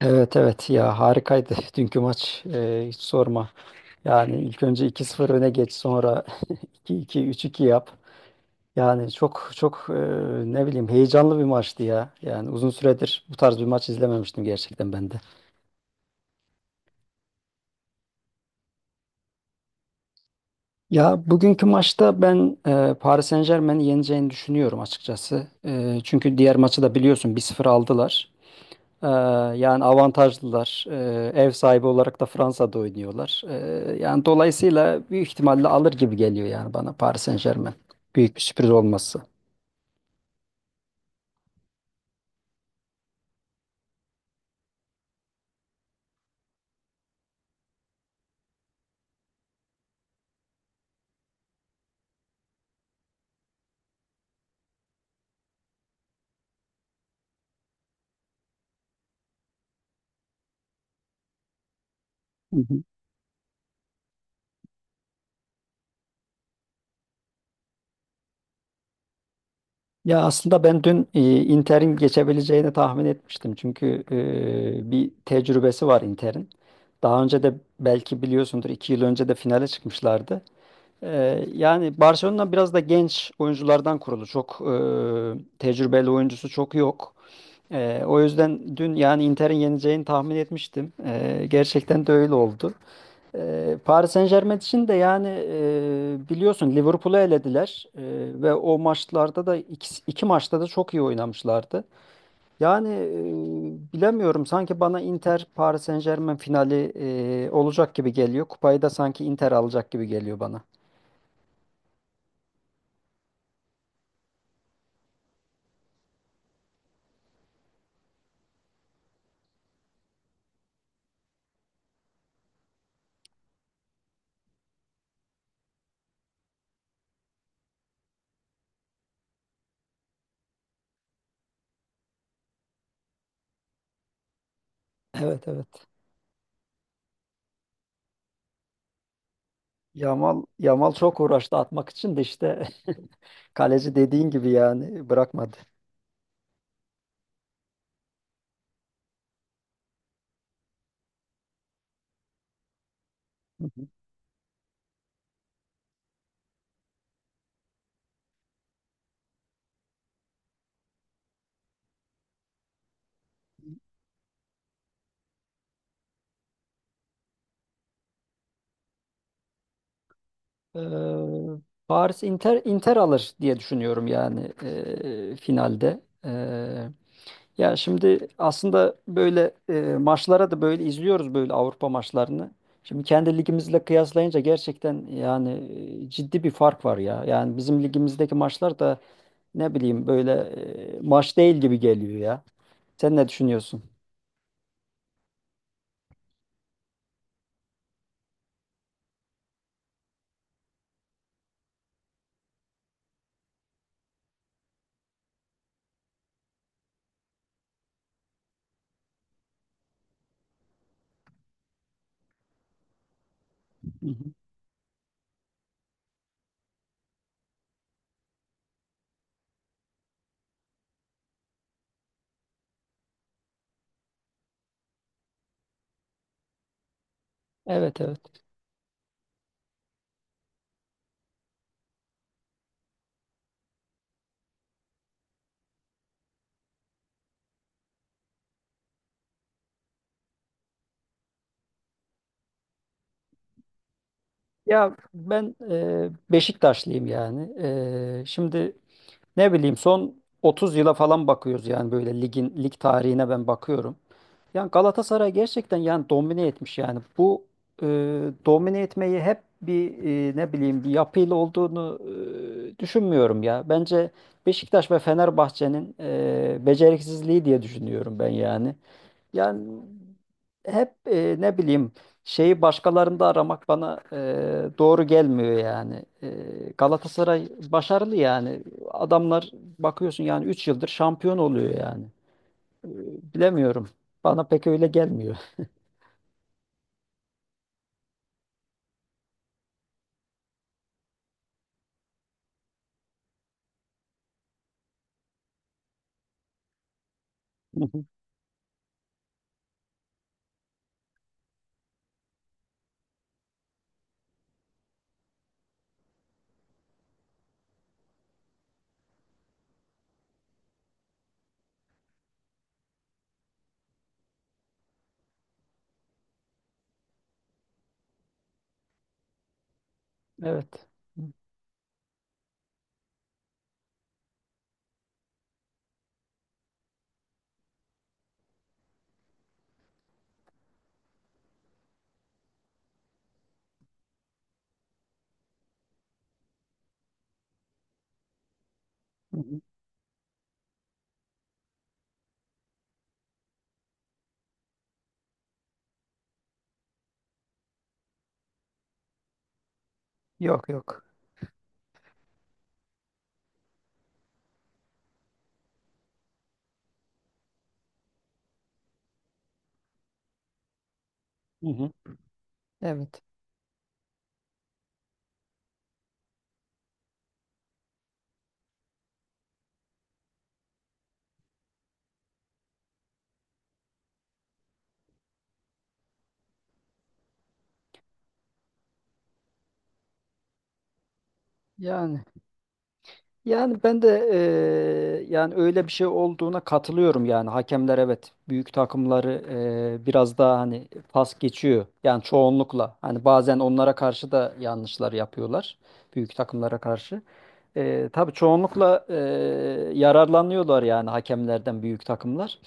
Evet, evet, ya, harikaydı dünkü maç. Hiç sorma. Yani ilk önce 2-0 öne geç, sonra 2-2, 3-2 yap. Yani çok çok ne bileyim, heyecanlı bir maçtı ya. Yani uzun süredir bu tarz bir maç izlememiştim gerçekten ben de. Ya, bugünkü maçta ben Paris Saint-Germain'i yeneceğini düşünüyorum açıkçası. Çünkü diğer maçı da biliyorsun, 1-0 aldılar. Ee, Yani avantajlılar. Ev sahibi olarak da Fransa'da oynuyorlar. Yani dolayısıyla büyük ihtimalle alır gibi geliyor yani bana, Paris Saint-Germain. Büyük bir sürpriz olması. Hı hı. Ya, aslında ben dün Inter'in geçebileceğini tahmin etmiştim. Çünkü bir tecrübesi var Inter'in. Daha önce de belki biliyorsundur, 2 yıl önce de finale çıkmışlardı. Yani Barcelona biraz da genç oyunculardan kurulu. Çok tecrübeli oyuncusu çok yok. O yüzden dün yani Inter'in yeneceğini tahmin etmiştim. Gerçekten de öyle oldu. Paris Saint-Germain için de yani biliyorsun Liverpool'u elediler. Ve o maçlarda da 2 maçta da çok iyi oynamışlardı. Yani bilemiyorum, sanki bana Inter Paris Saint-Germain finali olacak gibi geliyor. Kupayı da sanki Inter alacak gibi geliyor bana. Evet, evet. Yamal Yamal çok uğraştı atmak için de işte, kaleci dediğin gibi yani, bırakmadı. Ee, Paris Inter, Inter alır diye düşünüyorum yani finalde. Ya şimdi aslında böyle maçlara da böyle izliyoruz, böyle Avrupa maçlarını. Şimdi kendi ligimizle kıyaslayınca gerçekten yani ciddi bir fark var ya. Yani bizim ligimizdeki maçlar da ne bileyim, böyle maç değil gibi geliyor ya. Sen ne düşünüyorsun? Hı hı. Evet, evet. Ya, ben Beşiktaşlıyım yani. Şimdi ne bileyim, son 30 yıla falan bakıyoruz yani, böyle lig tarihine ben bakıyorum. Yani Galatasaray gerçekten yani domine etmiş yani. Bu e, domine etmeyi hep bir ne bileyim, bir yapıyla olduğunu düşünmüyorum ya. Bence Beşiktaş ve Fenerbahçe'nin beceriksizliği diye düşünüyorum ben yani. Yani hep ne bileyim, şeyi başkalarında aramak bana doğru gelmiyor yani. Galatasaray başarılı yani. Adamlar bakıyorsun yani, 3 yıldır şampiyon oluyor yani. Ee, Bilemiyorum. Bana pek öyle gelmiyor. Evet. Hı hı. Yok, yok. Hı hı. Evet. Yani Yani ben de yani öyle bir şey olduğuna katılıyorum yani. Hakemler evet, büyük takımları biraz daha hani pas geçiyor yani, çoğunlukla hani bazen onlara karşı da yanlışlar yapıyorlar büyük takımlara karşı. Tabii çoğunlukla yararlanıyorlar yani hakemlerden büyük takımlar.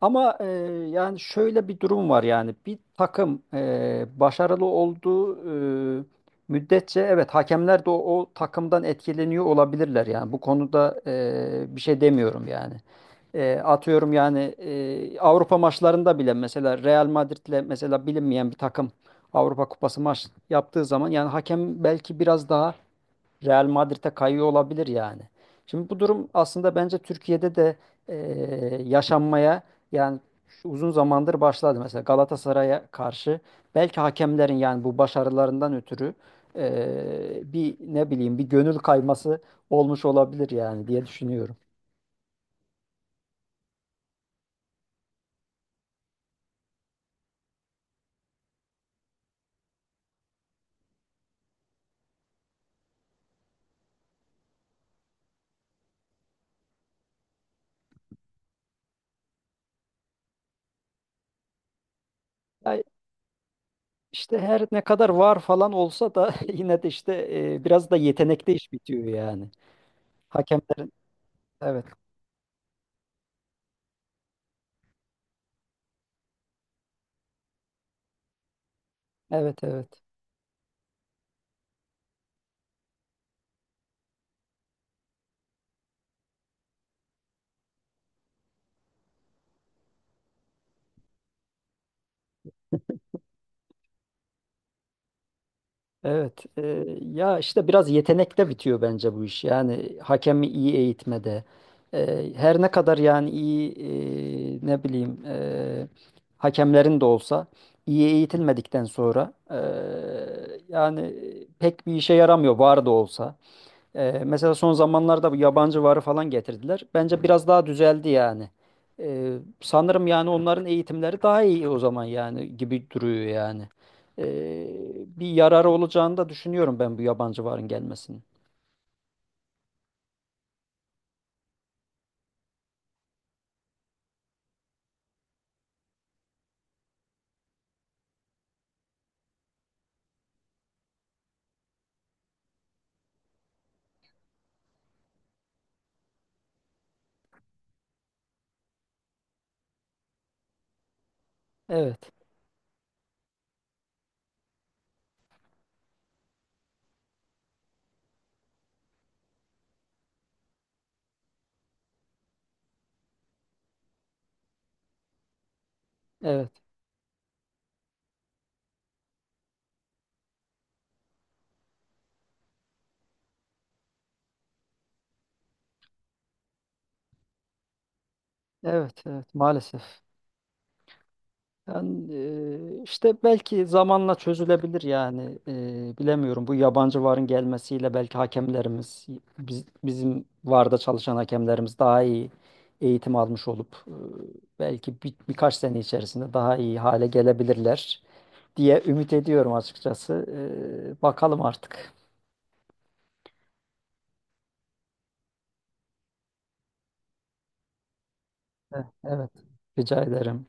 Ama yani şöyle bir durum var yani, bir takım başarılı olduğu müddetçe, evet, hakemler de o takımdan etkileniyor olabilirler yani, bu konuda bir şey demiyorum yani. Atıyorum yani, Avrupa maçlarında bile mesela Real Madrid'le mesela bilinmeyen bir takım Avrupa Kupası maç yaptığı zaman yani, hakem belki biraz daha Real Madrid'e kayıyor olabilir yani. Şimdi bu durum aslında bence Türkiye'de de e, yaşanmaya yani, şu uzun zamandır başladı. Mesela Galatasaray'a karşı belki hakemlerin yani bu başarılarından ötürü bir ne bileyim, bir gönül kayması olmuş olabilir yani diye düşünüyorum. Ya, işte her ne kadar VAR falan olsa da yine de işte biraz da yetenekte iş bitiyor yani. Hakemlerin. Evet, evet, evet. Evet, ya işte biraz yetenekte bitiyor bence bu iş. Yani hakemi iyi eğitmede, her ne kadar yani iyi ne bileyim hakemlerin de olsa iyi eğitilmedikten sonra yani pek bir işe yaramıyor VAR da olsa. Mesela son zamanlarda bu yabancı VAR'ı falan getirdiler. Bence biraz daha düzeldi yani. Sanırım yani onların eğitimleri daha iyi o zaman yani gibi duruyor yani. Ee, Bir yararı olacağını da düşünüyorum ben bu yabancı VAR'ın gelmesinin. Evet, evet, evet, evet, maalesef. Yani işte belki zamanla çözülebilir yani. Bilemiyorum, bu yabancı VAR'ın gelmesiyle belki hakemlerimiz, bizim VAR'da çalışan hakemlerimiz daha iyi eğitim almış olup belki birkaç sene içerisinde daha iyi hale gelebilirler diye ümit ediyorum açıkçası. Bakalım artık. Eh. Evet, rica ederim.